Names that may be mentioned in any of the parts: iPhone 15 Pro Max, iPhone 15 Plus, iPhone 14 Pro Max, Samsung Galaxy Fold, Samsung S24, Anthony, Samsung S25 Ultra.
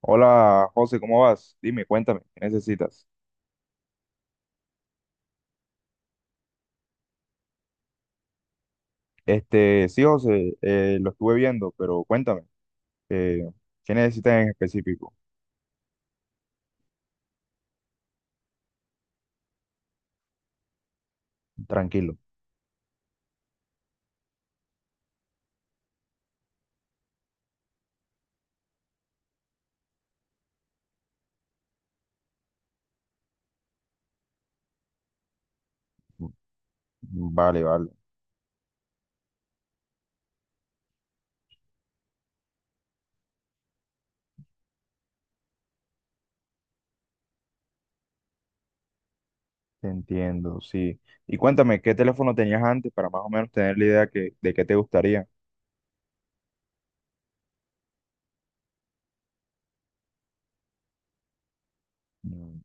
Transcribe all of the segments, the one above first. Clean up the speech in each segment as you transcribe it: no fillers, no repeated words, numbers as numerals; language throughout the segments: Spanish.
Hola José, ¿cómo vas? Dime, cuéntame, ¿qué necesitas? Sí, José, lo estuve viendo, pero cuéntame, eh, ¿qué necesitas en específico? Tranquilo. Mm, Vale, vale, te entiendo, sí. Y cuéntame, ¿qué teléfono tenías antes para más o menos tener la idea de qué te gustaría? Mm,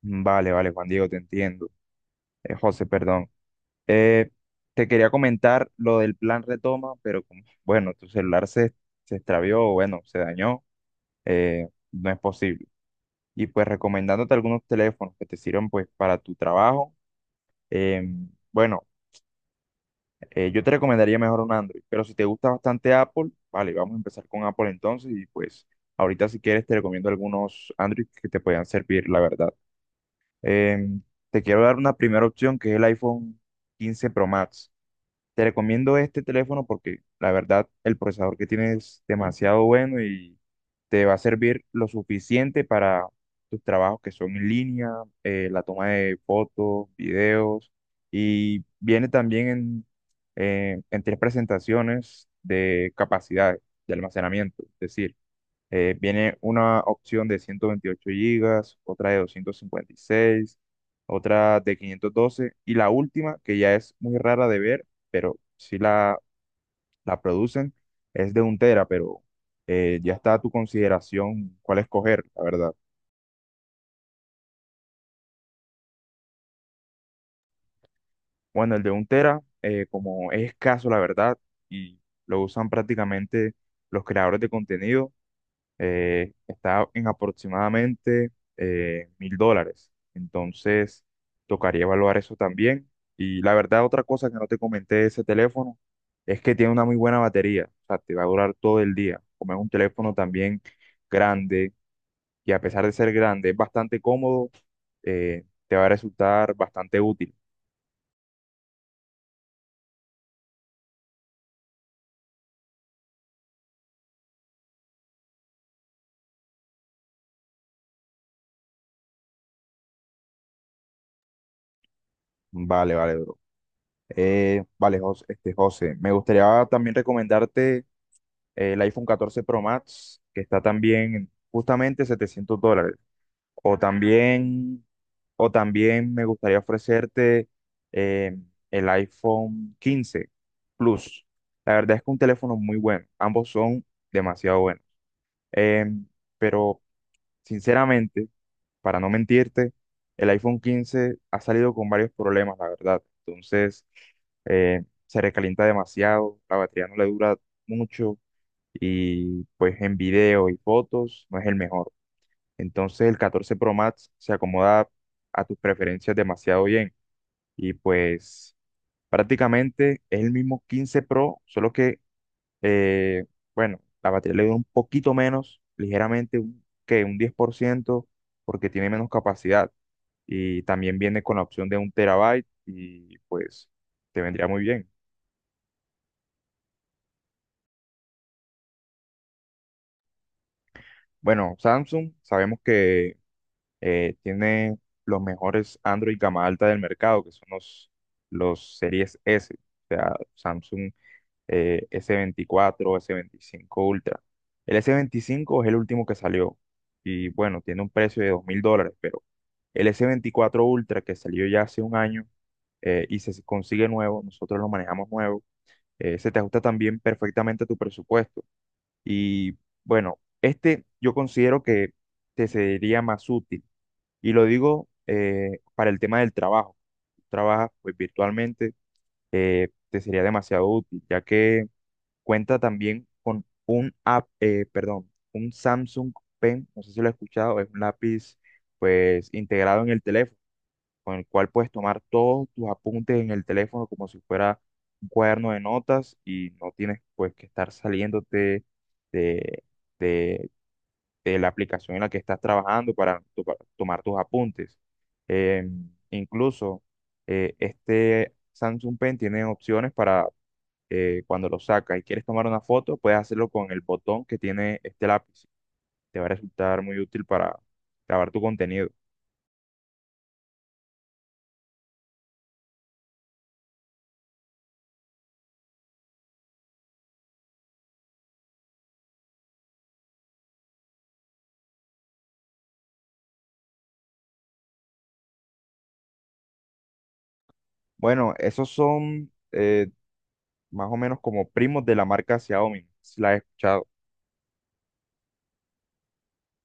Vale, vale, Juan Diego, te entiendo. José, perdón. Eh, Te quería comentar lo del plan retoma, pero como, bueno, se extravió, bueno, se dañó, no es posible. Y pues recomendándote algunos teléfonos que te sirvan pues para tu trabajo. Bueno, yo te recomendaría mejor un Android, pero si te gusta bastante Apple, vale, vamos a empezar con Apple entonces y pues ahorita si quieres te recomiendo algunos Android que te puedan servir, la verdad. Em, Te quiero dar una primera opción que es el iPhone 15 Pro Max. Te recomiendo este teléfono porque la verdad el procesador que tiene es demasiado bueno y te va a servir lo suficiente para tus trabajos que son en línea, la toma de fotos, videos y viene también en tres presentaciones de capacidad de almacenamiento. Es decir, viene una opción de 128 gigas, otra de 256, otra de 512 y la última, que ya es muy rara de ver, pero la producen, es de un tera, pero ya está a tu consideración cuál escoger, la verdad. Bueno, el de un tera, como es escaso, la verdad, y lo usan prácticamente los creadores de contenido, está en aproximadamente $1000. Entonces, tocaría evaluar eso también. Y la verdad, otra cosa que no te comenté de ese teléfono es que tiene una muy buena batería. O sea, te va a durar todo el día. Como es un teléfono también grande y a pesar de ser grande, es bastante cómodo, te va a resultar bastante útil. Vale, vale, bro. Vale, José, me gustaría también recomendarte el iPhone 14 Pro Max, que está también en justamente $700. O también, o también me gustaría ofrecerte eh, el iPhone 15 Plus. La verdad es que un teléfono muy bueno. Ambos son demasiado buenos. Em, pero sinceramente, para no mentirte, el iPhone 15 ha salido con varios problemas, la verdad. Entonces, se recalienta demasiado, la batería no le dura mucho y pues en video y fotos no es el mejor. Entonces el 14 Pro Max se acomoda a tus preferencias demasiado bien y pues prácticamente es el mismo 15 Pro, eh, bueno, la batería le dura un poquito menos, ligeramente, que un 10% porque tiene menos capacidad y también viene con la opción de un terabyte y pues te vendría muy bien. Bueno, Samsung, sabemos que tiene los mejores Android gama alta del mercado, que son los series S, o sea, Samsung s 24, s 25 Ultra. El s 25 es el último que salió y bueno, tiene un precio de $2000, pero el s 24 Ultra que salió ya hace un año y se consigue nuevo, nosotros lo manejamos nuevo, se te ajusta también perfectamente a tu presupuesto. Y bueno, este yo considero que te sería más útil y lo digo para el tema del trabajo. Tú trabajas pues virtualmente, te sería demasiado útil, ya que cuenta también con un app, perdón, un Samsung Pen, no sé si lo he escuchado, es un lápiz pues integrado en el teléfono, con el cual puedes tomar todos tus apuntes en el teléfono como si fuera un cuaderno de notas y no tienes pues que estar saliéndote de, de de la aplicación en la que estás trabajando para tomar tus apuntes. Eh, incluso este Samsung Pen tiene opciones para cuando lo sacas y quieres tomar una foto, puedes hacerlo con el botón que tiene este lápiz. Te va a resultar muy útil para grabar tu contenido. Bueno, esos son más o menos como primos de la marca Xiaomi, si la he escuchado.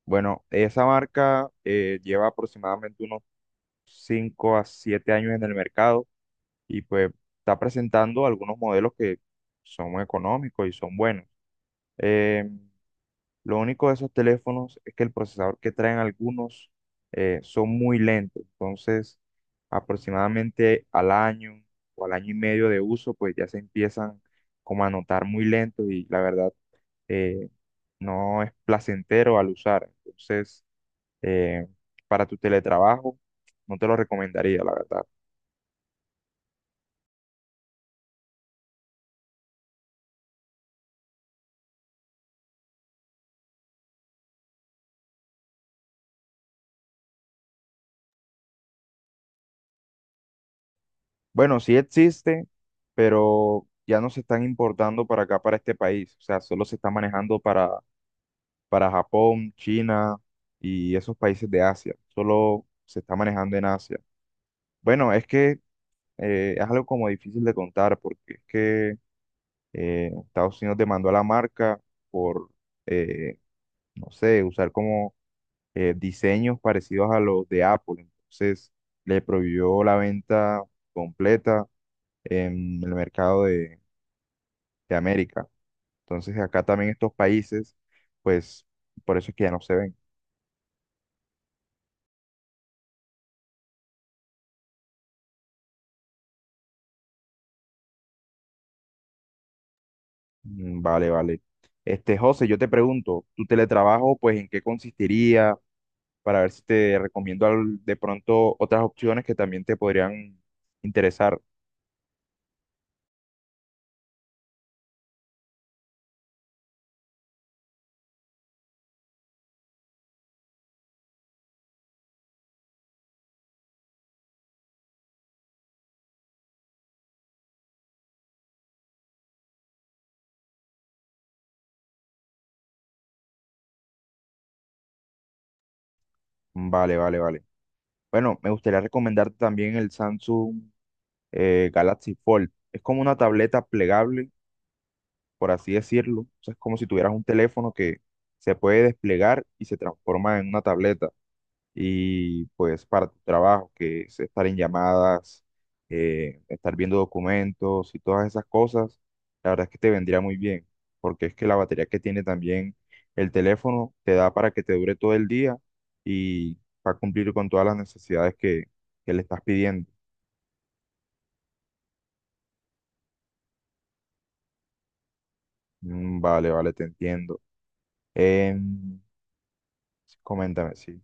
Bueno, esa marca lleva aproximadamente unos 5 a 7 años en el mercado y pues está presentando algunos modelos que son económicos y son buenos. Eh, lo único de esos teléfonos es que el procesador que traen algunos son muy lentos, entonces aproximadamente al año o al año y medio de uso, pues ya se empiezan como a notar muy lentos y la verdad eh, no es placentero al usar. Entonces, eh, para tu teletrabajo, no te lo recomendaría, la verdad. Bueno, sí existe, pero ya no se están importando para acá, para este país. O sea, solo se está manejando para Japón, China y esos países de Asia. Solo se está manejando en Asia. Bueno, es que es algo como difícil de contar porque es que Estados Unidos demandó a la marca por, eh, no sé, usar como diseños parecidos a los de Apple. Entonces le prohibió la venta completa en el mercado de América. Entonces acá también estos países, pues por eso es que ya no se ven. Vale, vale. Este, José, yo te pregunto, ¿tu teletrabajo, pues en qué consistiría? Para ver si te recomiendo de pronto otras opciones que también te podrían interesar. Vale, vale, vale. Bueno, me gustaría recomendarte también el Samsung Galaxy Fold. Es como una tableta plegable, por así decirlo. O sea, es como si tuvieras un teléfono que se puede desplegar y se transforma en una tableta. Y pues para tu trabajo, que es estar en llamadas, estar viendo documentos y todas esas cosas, la verdad es que te vendría muy bien, porque es que la batería que tiene también el teléfono te da para que te dure todo el día y va a cumplir con todas las necesidades que le estás pidiendo. Vale, vale, te entiendo. Em, Coméntame, sí.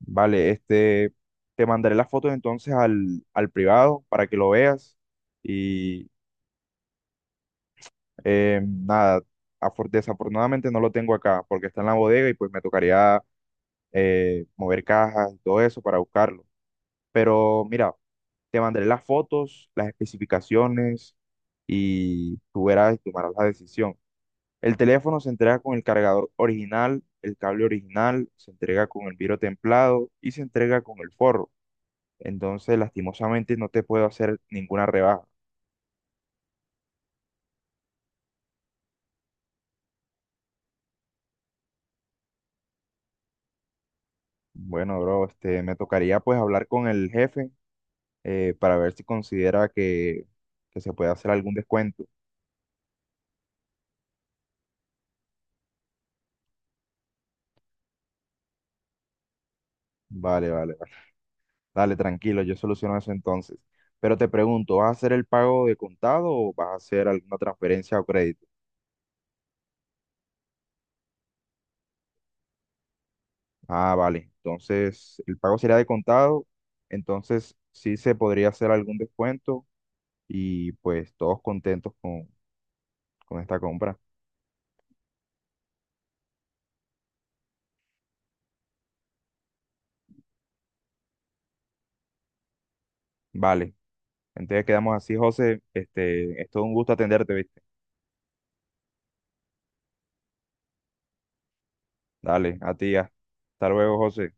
Vale, este, te mandaré las fotos entonces al privado para que lo veas. Nada, afor- Desafortunadamente no lo tengo acá porque está en la bodega y pues me tocaría mover cajas y todo eso para buscarlo. Pero mira, te mandaré las fotos, las especificaciones y tú verás y tomarás la decisión. El teléfono se entrega con el cargador original, el cable original, se entrega con el vidrio templado y se entrega con el forro. Entonces, lastimosamente no te puedo hacer ninguna rebaja. Bueno, bro, este, me tocaría pues hablar con el jefe para ver si considera que se puede hacer algún descuento. Vale, vale, vale. Dale, tranquilo, yo soluciono eso entonces. Pero te pregunto, ¿vas a hacer el pago de contado o vas a hacer alguna transferencia o crédito? Ah, vale. Entonces, el pago sería de contado. Entonces, sí se podría hacer algún descuento y pues todos con esta compra. Vale. Entonces quedamos así, José. Este, es todo un gusto atenderte, ¿viste? Dale, a ti. Ya Hasta luego, José.